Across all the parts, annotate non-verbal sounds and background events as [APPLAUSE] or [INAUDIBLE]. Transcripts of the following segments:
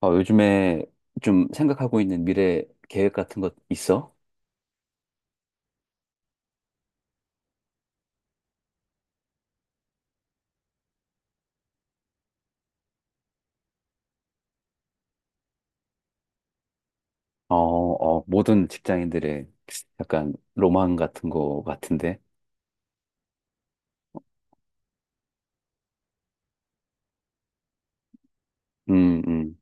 요즘에 좀 생각하고 있는 미래 계획 같은 것 있어? 모든 직장인들의 약간 로망 같은 거 같은데. 음, 음.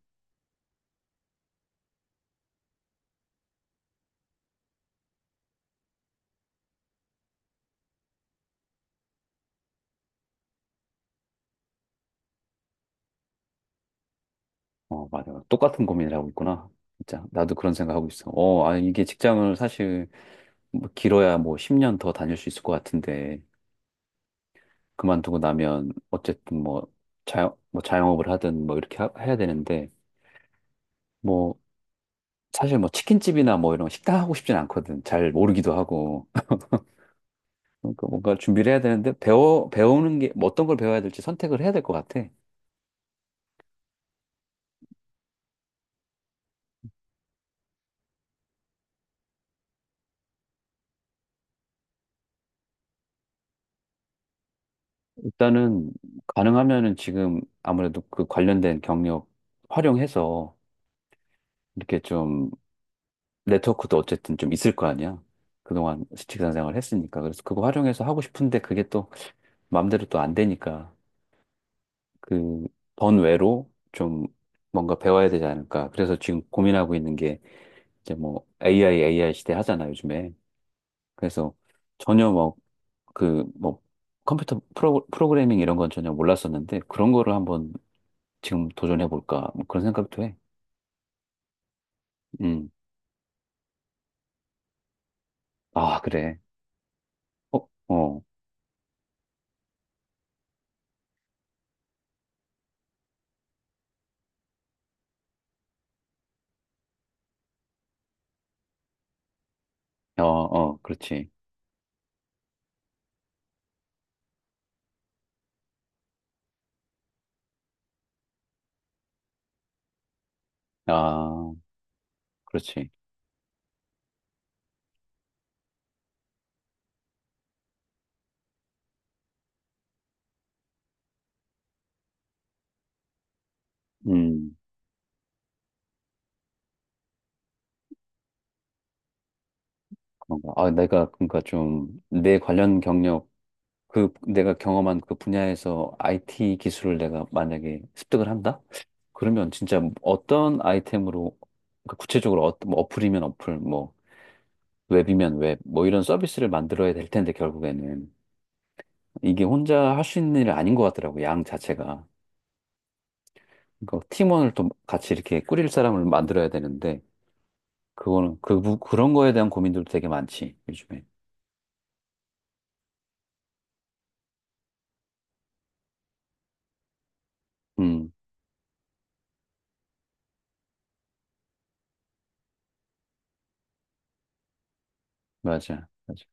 어, 맞아. 똑같은 고민을 하고 있구나. 진짜. 나도 그런 생각하고 있어. 어, 아, 이게 직장을 사실 뭐 길어야 뭐 10년 더 다닐 수 있을 것 같은데. 그만두고 나면 어쨌든 뭐 뭐 자영업을 하든 뭐 이렇게 해야 되는데. 뭐 사실 뭐 치킨집이나 뭐 이런 식당 하고 싶진 않거든. 잘 모르기도 하고. 그러니까 뭔가 준비를 해야 되는데 배워 배우는 게뭐 어떤 걸 배워야 될지 선택을 해야 될 것 같아. 일단은 가능하면은 지금 아무래도 그 관련된 경력 활용해서 이렇게 좀 네트워크도 어쨌든 좀 있을 거 아니야. 그동안 직장 생활을 했으니까. 그래서 그거 활용해서 하고 싶은데 그게 또 마음대로 또 안 되니까 그 번외로 좀 뭔가 배워야 되지 않을까. 그래서 지금 고민하고 있는 게 이제 뭐 AI 시대 하잖아, 요즘에. 그래서 전혀 뭐 그 뭐 컴퓨터 프로그래밍 이런 건 전혀 몰랐었는데 그런 거를 한번 지금 도전해 볼까 뭐 그런 생각도 해. 음. 아, 그래. 어, 어, 어, 어, 그렇지. 아, 그렇지. 음, 그런가. 아, 내가 그러니까 좀 내 관련 경력 그 내가 경험한 그 분야에서 IT 기술을 내가 만약에 습득을 한다? 그러면 진짜 어떤 아이템으로 그러니까 구체적으로 어, 뭐 어플이면 어플 뭐 웹이면 웹, 뭐 이런 서비스를 만들어야 될 텐데, 결국에는. 이게 혼자 할 수 있는 일이 아닌 것 같더라고, 양 자체가. 그러니까 팀원을 또 같이 이렇게 꾸릴 사람을 만들어야 되는데, 그거는, 그, 그런 거에 대한 고민들도 되게 많지, 요즘에. 음, 맞아, 맞아.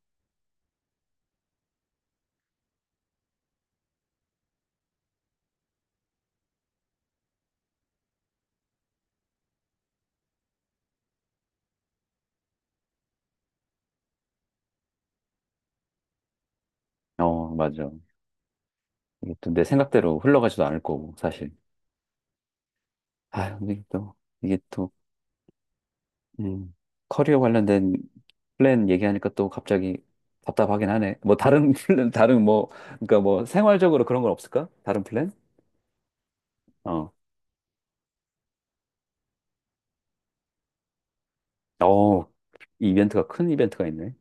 어, 맞아. 이게 또 내 생각대로 흘러가지도 않을 거고, 사실. 아, 근데 또, 이게 또, 음, 커리어 관련된 플랜 얘기하니까 또 갑자기 답답하긴 하네. 뭐, 다른 [LAUGHS] 플랜, 다른 뭐, 그러니까 뭐, 생활적으로 그런 건 없을까? 다른 플랜? 어, 어, 이벤트가, 큰 이벤트가 있네.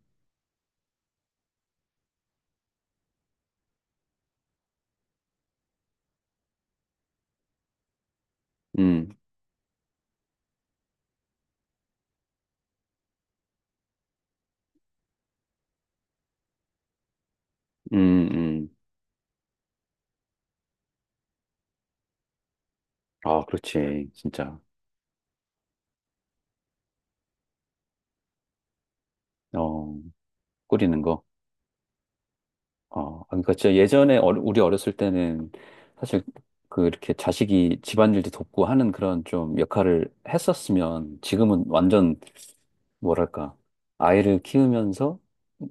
음. 음, 음. 아, 그렇지. 진짜. 어, 꾸리는 거. 어, 아, 그러니까 진짜 예전에 우리 어렸을 때는 사실 그 이렇게 자식이 집안일도 돕고 하는 그런 좀 역할을 했었으면 지금은 완전 뭐랄까. 아이를 키우면서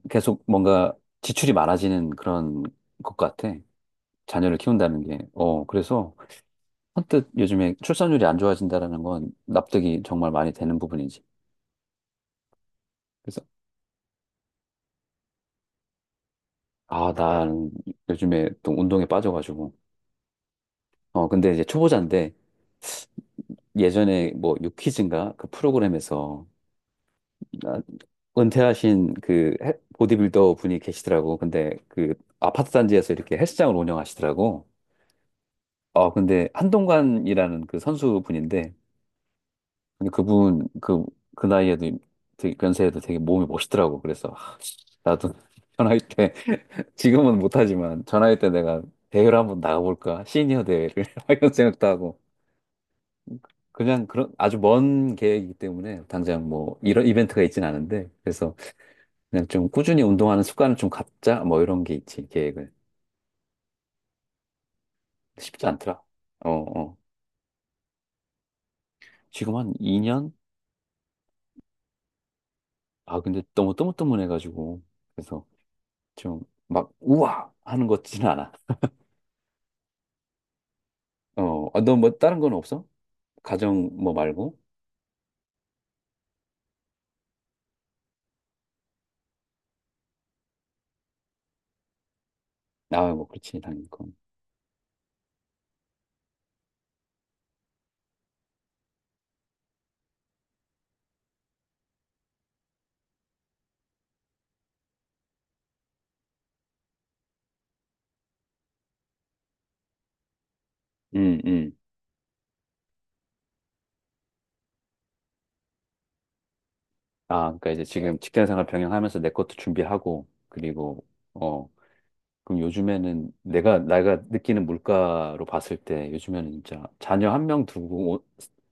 계속 뭔가 지출이 많아지는 그런 것 같아. 자녀를 키운다는 게. 어, 그래서 선뜻 요즘에 출산율이 안 좋아진다라는 건 납득이 정말 많이 되는 부분이지. 아, 난 요즘에 또 운동에 빠져가지고. 어, 근데 이제 초보자인데 예전에 뭐 유퀴즈인가 그 프로그램에서 아, 은퇴하신 그 보디빌더 분이 계시더라고. 근데 그 아파트 단지에서 이렇게 헬스장을 운영하시더라고. 어, 근데 한동관이라는 그 선수분인데 근데 그분 그, 그 나이에도 되게 연세에도 되게 몸이 멋있더라고. 그래서 하, 나도 [LAUGHS] 전화할 때 지금은 못하지만 전화할 때 내가 대회를 한번 나가볼까? 시니어 대회를 [LAUGHS] 이런 생각도 하고. 그냥 그런 아주 먼 계획이기 때문에 당장 뭐 이런 이벤트가 있진 않은데 그래서 그냥 좀 꾸준히 운동하는 습관을 좀 갖자 뭐 이런 게 있지 계획을 쉽지 않더라. 어, 어. 지금 한 2년? 아 근데 너무 뜨문뜨문해가지고 그래서 좀 막 우와 하는 것 같지는 않아. 어, 아, 너뭐 다른 건 없어? 가정 뭐 말고? 아, 뭐 그렇지 당연히 그건. 음, 음. 아, 그러니까 이제 지금 직장생활 병행하면서 내 것도 준비하고 그리고 어 그럼 요즘에는 내가 내가 느끼는 물가로 봤을 때 요즘에는 진짜 자녀 한 명 두고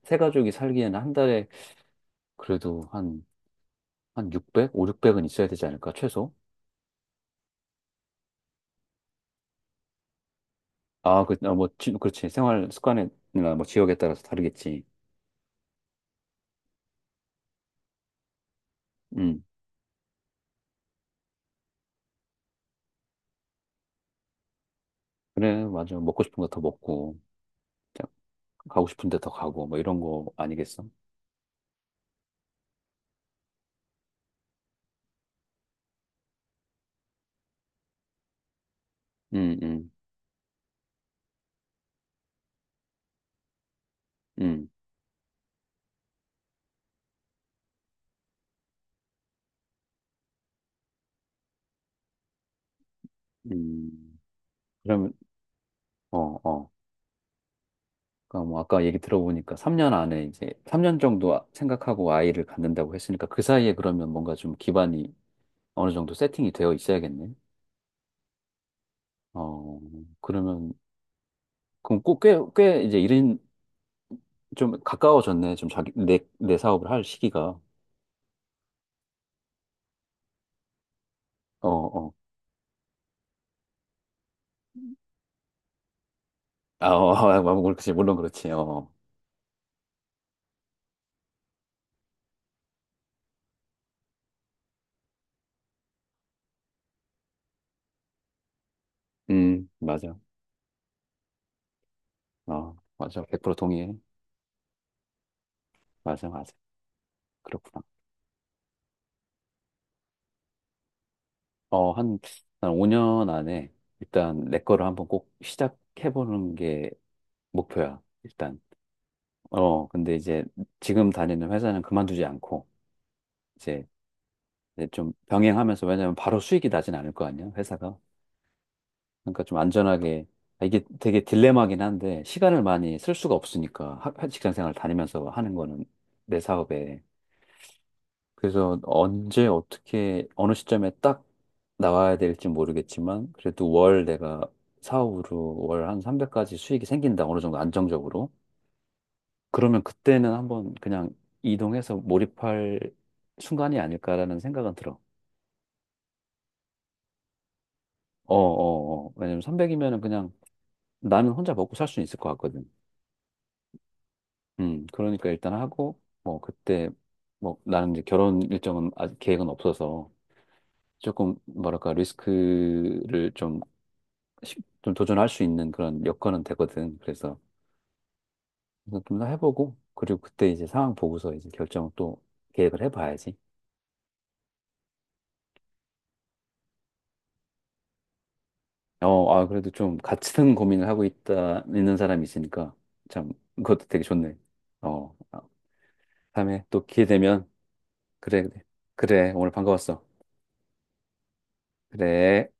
세 가족이 살기에는 한 달에 그래도 한 600, 5, 600은 있어야 되지 않을까 최소? 아, 그, 아, 뭐, 그렇지. 생활 습관이나 뭐 지역에 따라서 다르겠지. 음, 그래, 맞아. 먹고 싶은 거 더 먹고, 자, 가고 싶은 데 더 가고, 뭐 이런 거 아니겠어? 음, 음, 음, 음. 그러면, 어, 어. 그러니까 뭐 아까 얘기 들어보니까 3년 안에 이제 3년 정도 생각하고 아이를 갖는다고 했으니까 그 사이에 그러면 뭔가 좀 기반이 어느 정도 세팅이 되어 있어야겠네. 어, 그러면 그럼 꼭꽤꽤 이제 일은 좀 가까워졌네. 좀 자기 내 사업을 할 시기가. 어, 어. 아, 어, [LAUGHS] 아, 뭐 그렇지. 물론 그렇지. 어. 어. 맞아. 어, 맞아. 100% 동의해. 맞아, 맞아. 그렇구나. 어, 한, 한 5년 안에 일단 내 거를 한번 꼭 시작해보는 게 목표야, 일단. 어, 근데 이제 지금 다니는 회사는 그만두지 않고, 이제, 이제 좀 병행하면서, 왜냐면 바로 수익이 나진 않을 거 아니야, 회사가. 그러니까 좀 안전하게, 아, 이게 되게 딜레마긴 한데, 시간을 많이 쓸 수가 없으니까, 직장 생활 다니면서 하는 거는 내 사업에. 그래서 언제, 어떻게, 어느 시점에 딱 나와야 될지 모르겠지만, 그래도 월 내가 사업으로 월 한 300까지 수익이 생긴다, 어느 정도 안정적으로. 그러면 그때는 한번 그냥 이동해서 몰입할 순간이 아닐까라는 생각은 들어. 어, 어, 어. 왜냐면 300이면은 그냥 나는 혼자 먹고 살 수 있을 것 같거든. 그러니까 일단 하고, 뭐, 그때, 뭐, 나는 이제 결혼 일정은 아직 계획은 없어서 조금, 뭐랄까, 리스크를 좀, 좀 도전할 수 있는 그런 여건은 되거든. 그래서 좀 더 해보고, 그리고 그때 이제 상황 보고서 이제 결정을 또 계획을 해봐야지. 어, 아, 그래도 좀 같은 고민을 하고 있는 사람이 있으니까 참, 그것도 되게 좋네. 어, 아, 다음에 또 기회 되면, 그래, 그래. 그래, 오늘 반가웠어. 그래.